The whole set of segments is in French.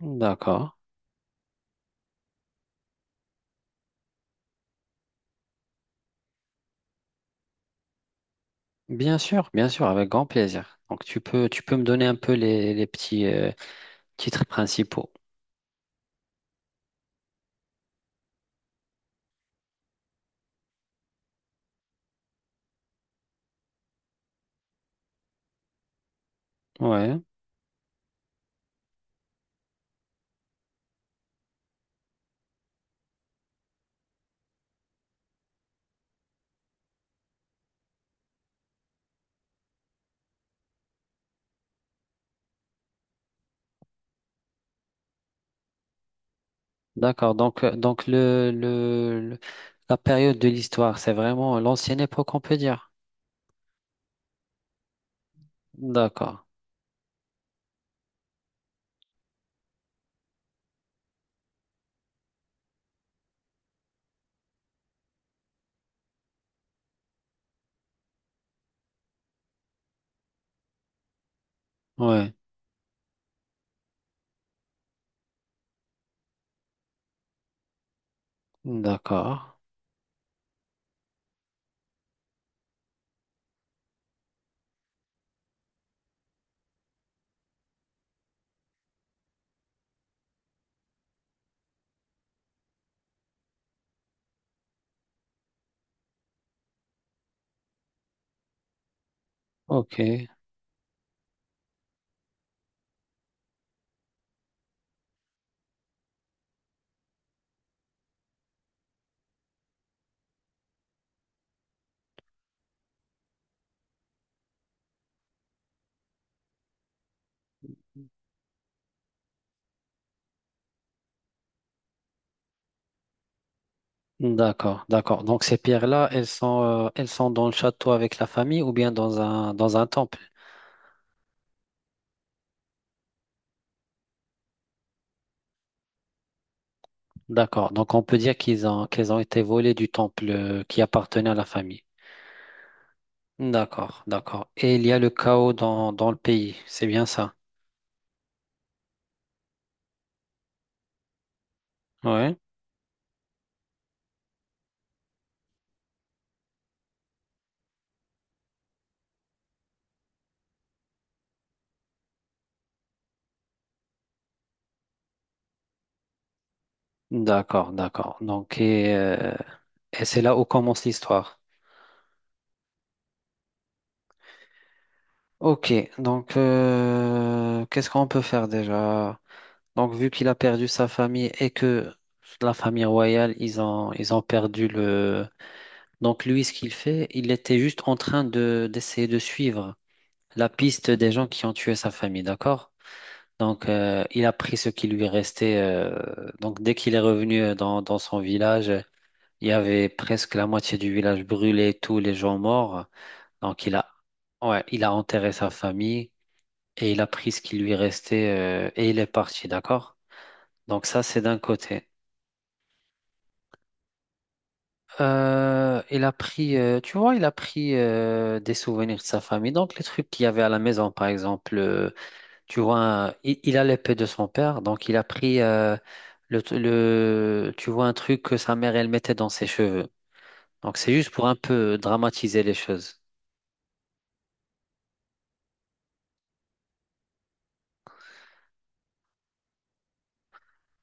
D'accord. Bien sûr, avec grand plaisir. Donc tu peux me donner un peu les petits titres principaux. Ouais, d'accord. Donc la période de l'histoire, c'est vraiment l'ancienne époque, on peut dire. D'accord. Ouais. D'accord. OK. D'accord, d'accord. Donc ces pierres-là, elles sont dans le château avec la famille ou bien dans un temple. D'accord. Donc on peut dire qu'elles ont été volées du temple qui appartenait à la famille. D'accord, d'accord. Et il y a le chaos dans le pays, c'est bien ça? Ouais. D'accord, d'accord. Donc, et c'est là où commence l'histoire. Ok, donc qu'est-ce qu'on peut faire déjà? Donc, vu qu'il a perdu sa famille et que la famille royale, ils ont perdu le. Donc, lui, ce qu'il fait, il était juste en train d'essayer de suivre la piste des gens qui ont tué sa famille, d'accord? Donc, il a pris ce qui lui restait. Donc, dès qu'il est revenu dans son village, il y avait presque la moitié du village brûlé, tous les gens morts. Donc, ouais, il a enterré sa famille et il a pris ce qui lui restait et il est parti, d'accord? Donc, ça, c'est d'un côté. Il a pris, tu vois, il a pris des souvenirs de sa famille. Donc, les trucs qu'il y avait à la maison, par exemple. Tu vois, il a l'épée de son père, donc il a pris tu vois, un truc que sa mère, elle mettait dans ses cheveux. Donc c'est juste pour un peu dramatiser les choses.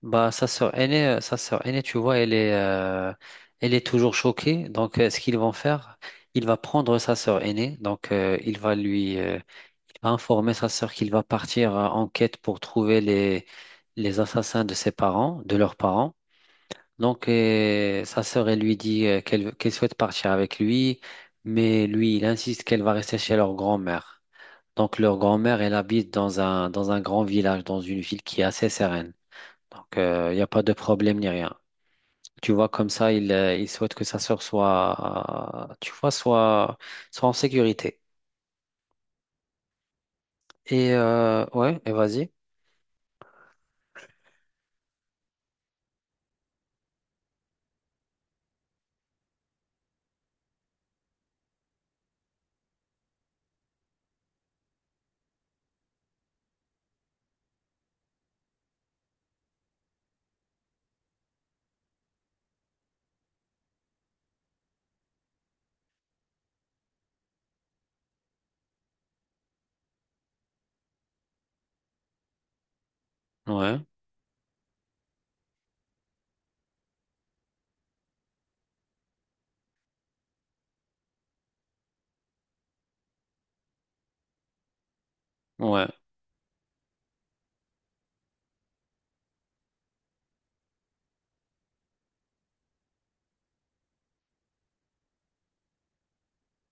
Bah, sa sœur aînée, tu vois, elle est toujours choquée. Donc, ce qu'ils vont faire, il va prendre sa sœur aînée. Donc, il va informer sa sœur qu'il va partir en quête pour trouver les assassins de leurs parents. Donc, sa sœur, elle lui dit qu'elle souhaite partir avec lui, mais lui, il insiste qu'elle va rester chez leur grand-mère. Donc, leur grand-mère, elle habite dans un grand village, dans une ville qui est assez sereine. Donc, il n'y a pas de problème ni rien. Tu vois, comme ça, il souhaite que sa sœur tu vois, soit en sécurité. Ouais, et vas-y. Ouais, ouais,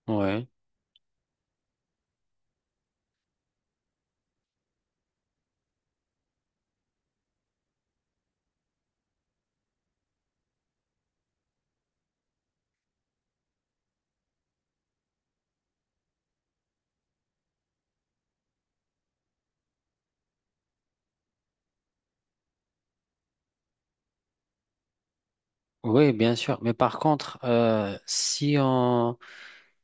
ouais. Oui, bien sûr. Mais par contre, si on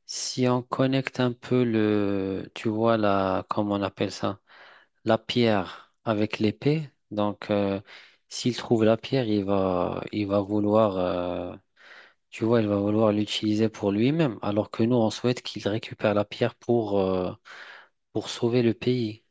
si on connecte un peu tu vois comment on appelle ça, la pierre avec l'épée. Donc, s'il trouve la pierre, il va vouloir, tu vois, il va vouloir l'utiliser pour lui-même. Alors que nous, on souhaite qu'il récupère la pierre pour sauver le pays.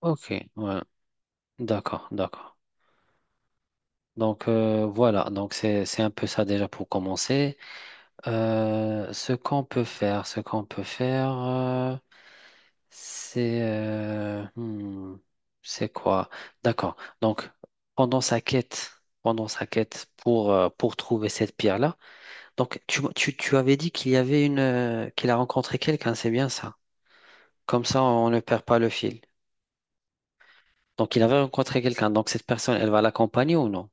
Ok, ouais. D'accord, d'accord. Donc, voilà, c'est un peu ça déjà pour commencer. Ce qu'on peut faire, c'est euh, hmm, c'est quoi? D'accord. Donc pendant sa quête, pendant sa quête pour trouver cette pierre-là. Donc tu avais dit qu'il y avait une qu'il a rencontré quelqu'un, c'est bien ça. Comme ça, on ne perd pas le fil. Donc il avait rencontré quelqu'un. Donc cette personne, elle va l'accompagner ou non?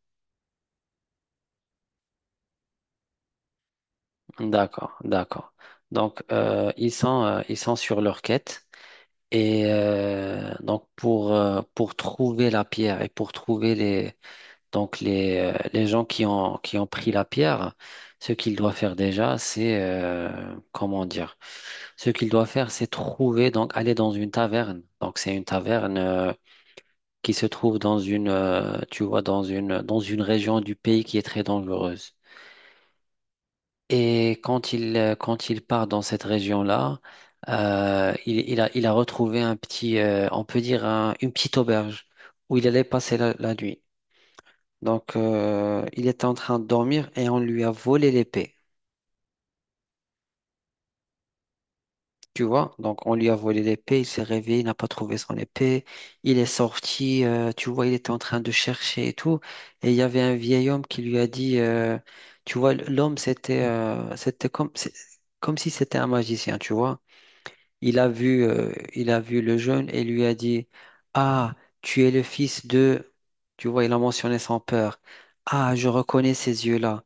D'accord, d'accord. Donc, ils sont sur leur quête. Et donc, pour trouver la pierre et pour trouver donc les gens qui ont pris la pierre, ce qu'il doit faire déjà, comment dire, ce qu'il doit faire, c'est trouver, donc aller dans une taverne. Donc, c'est une taverne qui se trouve tu vois, dans une région du pays qui est très dangereuse. Et quand il part dans cette région-là, il a retrouvé on peut dire une petite auberge où il allait passer la nuit. Donc, il était en train de dormir et on lui a volé l'épée. Tu vois? Donc, on lui a volé l'épée, il s'est réveillé, il n'a pas trouvé son épée. Il est sorti, tu vois, il était en train de chercher et tout. Et il y avait un vieil homme qui lui a dit, tu vois, l'homme, c'était comme comme si c'était un magicien, tu vois. Il a vu le jeune et lui a dit, ah, tu es le fils de. Tu vois, il a mentionné son père. Ah, je reconnais ces yeux-là.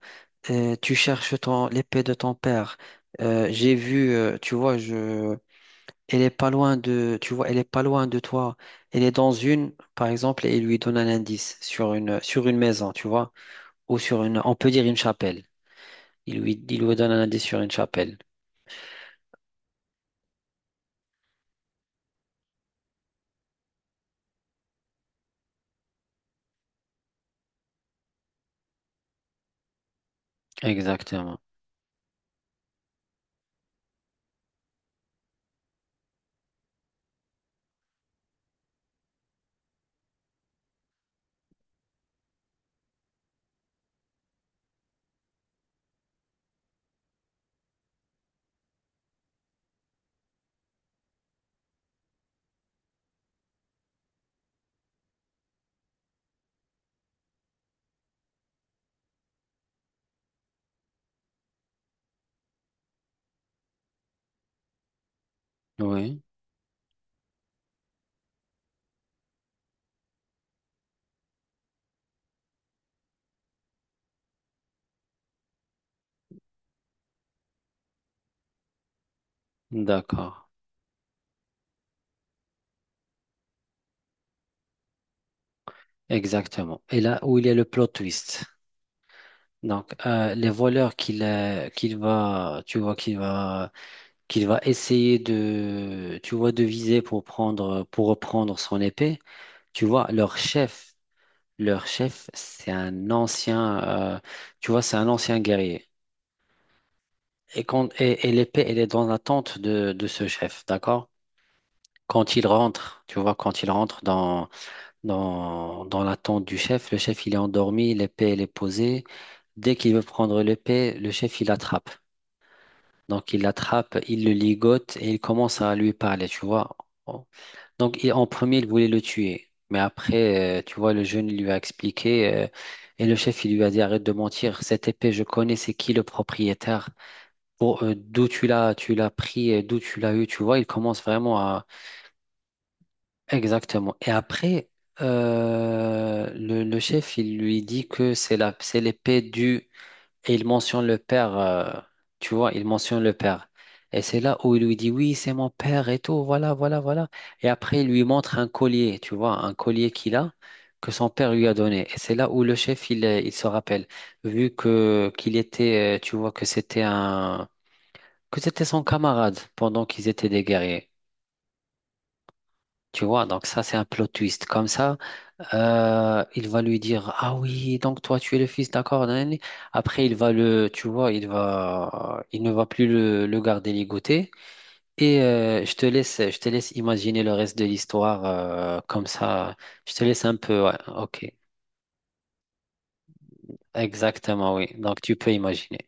Tu cherches l'épée de ton père. J'ai vu, tu vois, je. Elle est pas loin de, tu vois, elle est pas loin de toi. Elle est dans une, par exemple, et il lui donne un indice sur une maison, tu vois, ou sur une, on peut dire une chapelle. Il lui donne un indice sur une chapelle. Exactement. Oui, d'accord. Exactement. Et là où il y a le plot twist. Donc, les voleurs qu'il va, tu vois, qu'il va essayer tu vois, de viser pour reprendre son épée. Tu vois, leur chef, tu vois, c'est un ancien guerrier. Et l'épée, elle est dans la tente de ce chef, d'accord? Tu vois, quand il rentre dans l'attente du chef. Le chef, il est endormi, l'épée, elle est posée. Dès qu'il veut prendre l'épée, le chef, il l'attrape. Donc, il l'attrape, il le ligote et il commence à lui parler, tu vois. Donc, en premier, il voulait le tuer. Mais après, tu vois, le jeune il lui a expliqué et le chef, il lui a dit, arrête de mentir. Cette épée, je connais, c'est qui le propriétaire? D'où tu l'as pris, et d'où tu l'as eu, tu vois. Il commence vraiment. Exactement. Et après, le chef, il lui dit que c'est l'épée du. Et il mentionne le père, tu vois, il mentionne le père. Et c'est là où il lui dit, oui, c'est mon père et tout, voilà, voilà, voilà. Et après, il lui montre un collier, tu vois, un collier qu'il a, que son père lui a donné. Et c'est là où le chef, il se rappelle, vu que qu'il était, tu vois, que c'était un. Que c'était son camarade pendant qu'ils étaient des guerriers. Tu vois, donc ça, c'est un plot twist. Comme ça. Il va lui dire, ah oui, donc toi tu es le fils, d'accord. Nan, nan, nan. Après, il va le, tu vois, il va, il ne va plus le garder ligoté. Et je te laisse imaginer le reste de l'histoire comme ça. Je te laisse un peu, ouais, ok. Exactement, oui. Donc tu peux imaginer.